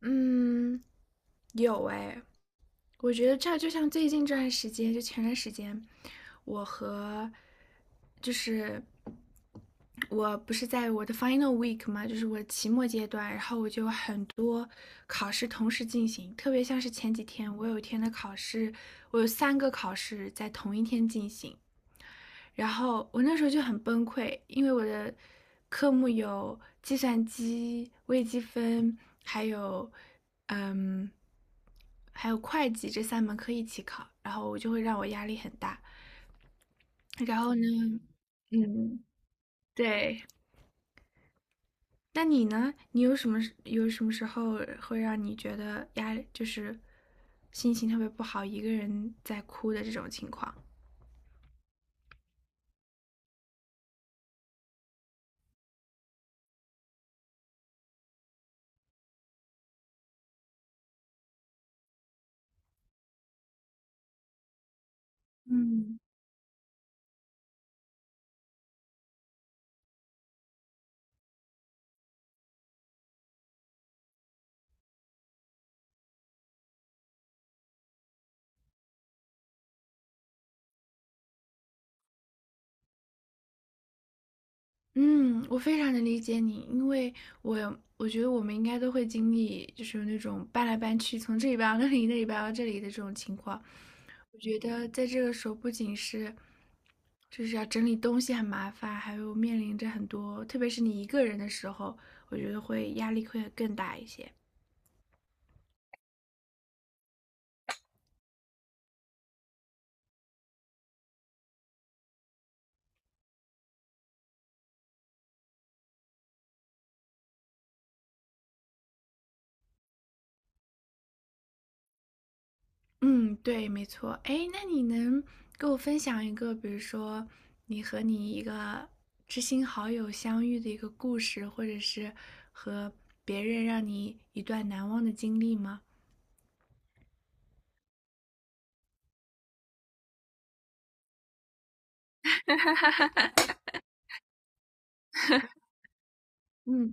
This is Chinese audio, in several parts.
嗯，有哎，我觉得这就像最近这段时间，就前段时间，我和就是我不是在我的 final week 嘛，就是我的期末阶段，然后我就有很多考试同时进行，特别像是前几天，我有一天的考试，我有三个考试在同一天进行，然后我那时候就很崩溃，因为我的科目有计算机、微积分，还有嗯，还有会计这三门课一起考，然后我就会让我压力很大。然后呢，嗯，对。那你呢？你有什么时候会让你觉得压力就是心情特别不好，一个人在哭的这种情况？嗯嗯，我非常的理解你，因为我觉得我们应该都会经历，就是有那种搬来搬去，从这里搬到那里，那里搬到这里的这种情况。我觉得在这个时候，不仅是就是要整理东西很麻烦，还有面临着很多，特别是你一个人的时候，我觉得会压力会更大一些。嗯，对，没错。哎，那你能给我分享一个，比如说你和你一个知心好友相遇的一个故事，或者是和别人让你一段难忘的经历吗？嗯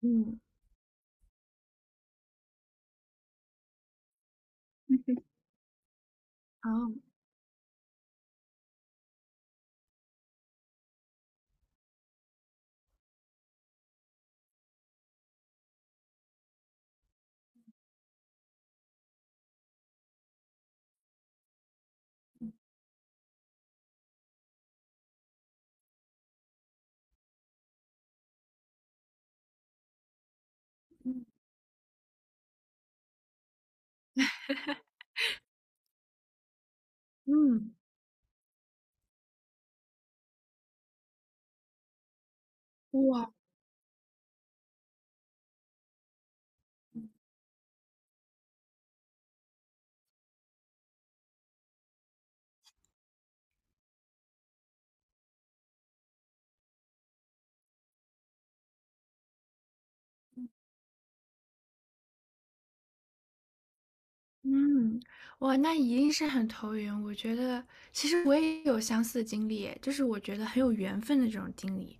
嗯，好，嗯，哇。嗯，哇，那一定是很投缘。我觉得其实我也有相似的经历，就是我觉得很有缘分的这种经历，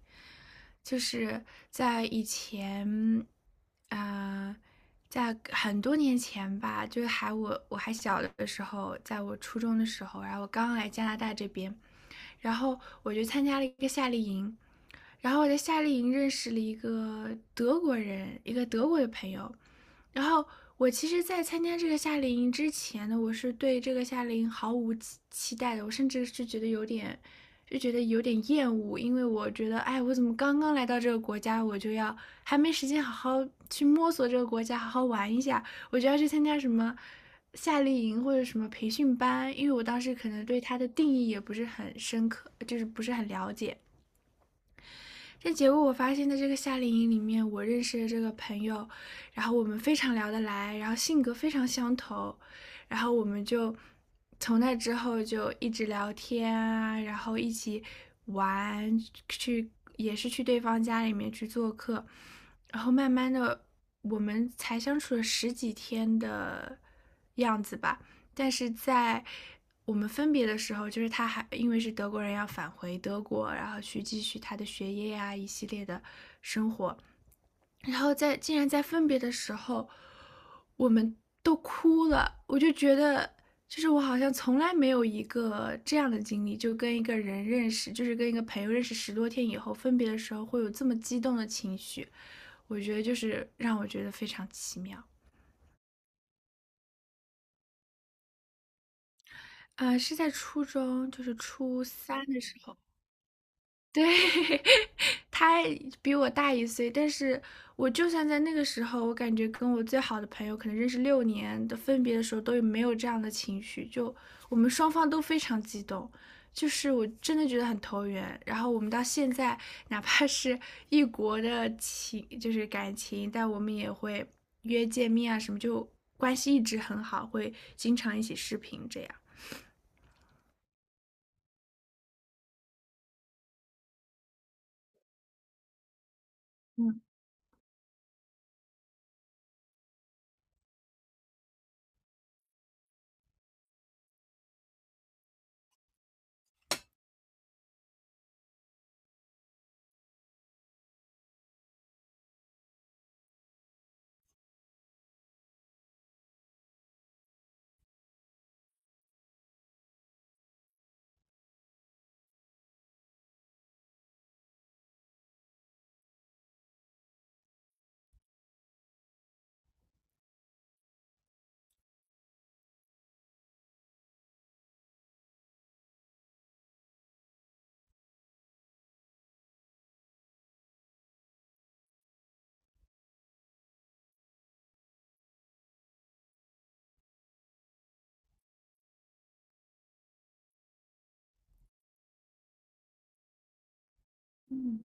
就是在以前，啊、在很多年前吧，就是我还小的时候，在我初中的时候，然后我刚来加拿大这边，然后我就参加了一个夏令营，然后我在夏令营认识了一个德国人，一个德国的朋友。然后我其实，在参加这个夏令营之前呢，我是对这个夏令营毫无期待的，我甚至是觉得有点，就觉得有点厌恶，因为我觉得，哎，我怎么刚刚来到这个国家，我就要还没时间好好去摸索这个国家，好好玩一下，我就要去参加什么夏令营或者什么培训班，因为我当时可能对它的定义也不是很深刻，就是不是很了解。这结果我发现在这个夏令营里面，我认识的这个朋友，然后我们非常聊得来，然后性格非常相投，然后我们就从那之后就一直聊天啊，然后一起玩，去也是去对方家里面去做客，然后慢慢的我们才相处了十几天的样子吧，但是在我们分别的时候，就是他还因为是德国人要返回德国，然后去继续他的学业呀、一系列的生活。然后在竟然在分别的时候，我们都哭了，我就觉得。就是我好像从来没有一个这样的经历，就跟一个人认识，就是跟一个朋友认识十多天以后分别的时候，会有这么激动的情绪。我觉得就是让我觉得非常奇妙。啊！是在初中，就是初三的时候，对，他比我大一岁，但是我就算在那个时候，我感觉跟我最好的朋友，可能认识六年的分别的时候，都没有这样的情绪，就我们双方都非常激动，就是我真的觉得很投缘。然后我们到现在，哪怕是异国的情，就是感情，但我们也会约见面啊什么，就关系一直很好，会经常一起视频这样。嗯嗯。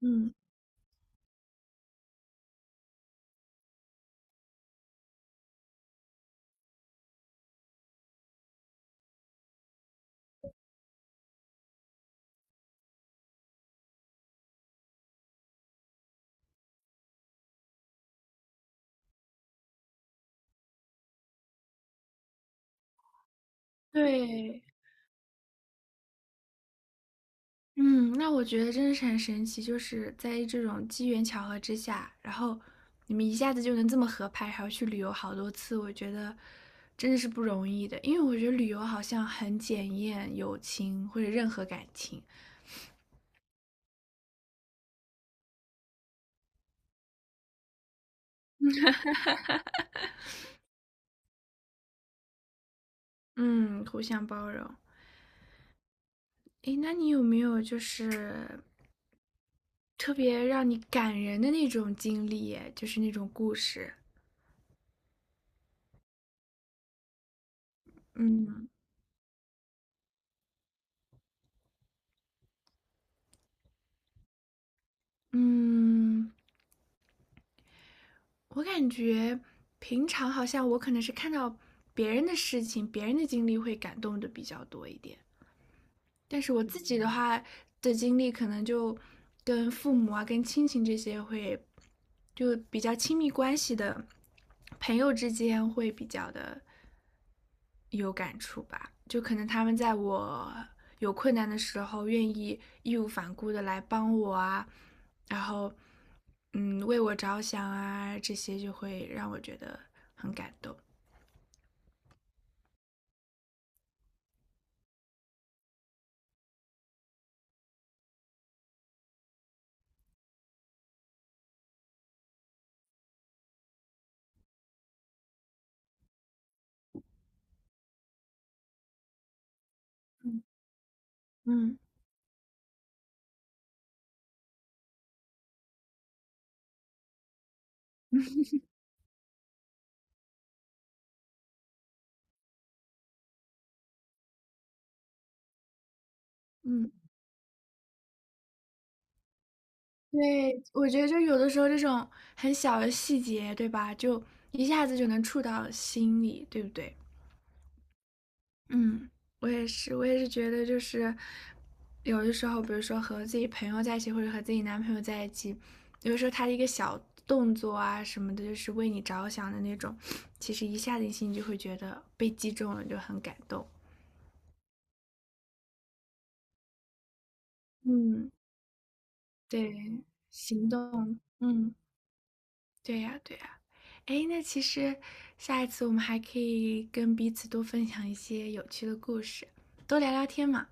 嗯，对，嗯，那我觉得真的是很神奇，就是在这种机缘巧合之下，然后你们一下子就能这么合拍，还要去旅游好多次，我觉得真的是不容易的。因为我觉得旅游好像很检验友情或者任何感情，嗯，互相包容。诶，那你有没有就是特别让你感人的那种经历耶就是那种故事？嗯嗯。我感觉平常好像我可能是看到别人的事情、别人的经历会感动的比较多一点。但是我自己的话的经历，可能就跟父母啊、跟亲情这些会，就比较亲密关系的朋友之间会比较的有感触吧。就可能他们在我有困难的时候，愿意义无反顾的来帮我啊，然后为我着想啊，这些就会让我觉得很感动。嗯嗯嗯。对，我觉得就有的时候这种很小的细节，对吧？就一下子就能触到心里，对不对？嗯，我也是，我也是觉得就是有的时候，比如说和自己朋友在一起，或者和自己男朋友在一起，有的时候他的一个小动作啊什么的，就是为你着想的那种，其实一下子你心里就会觉得被击中了，就很感动。嗯，对，行动，嗯。对呀，对呀。哎，那其实下一次我们还可以跟彼此多分享一些有趣的故事，多聊聊天嘛。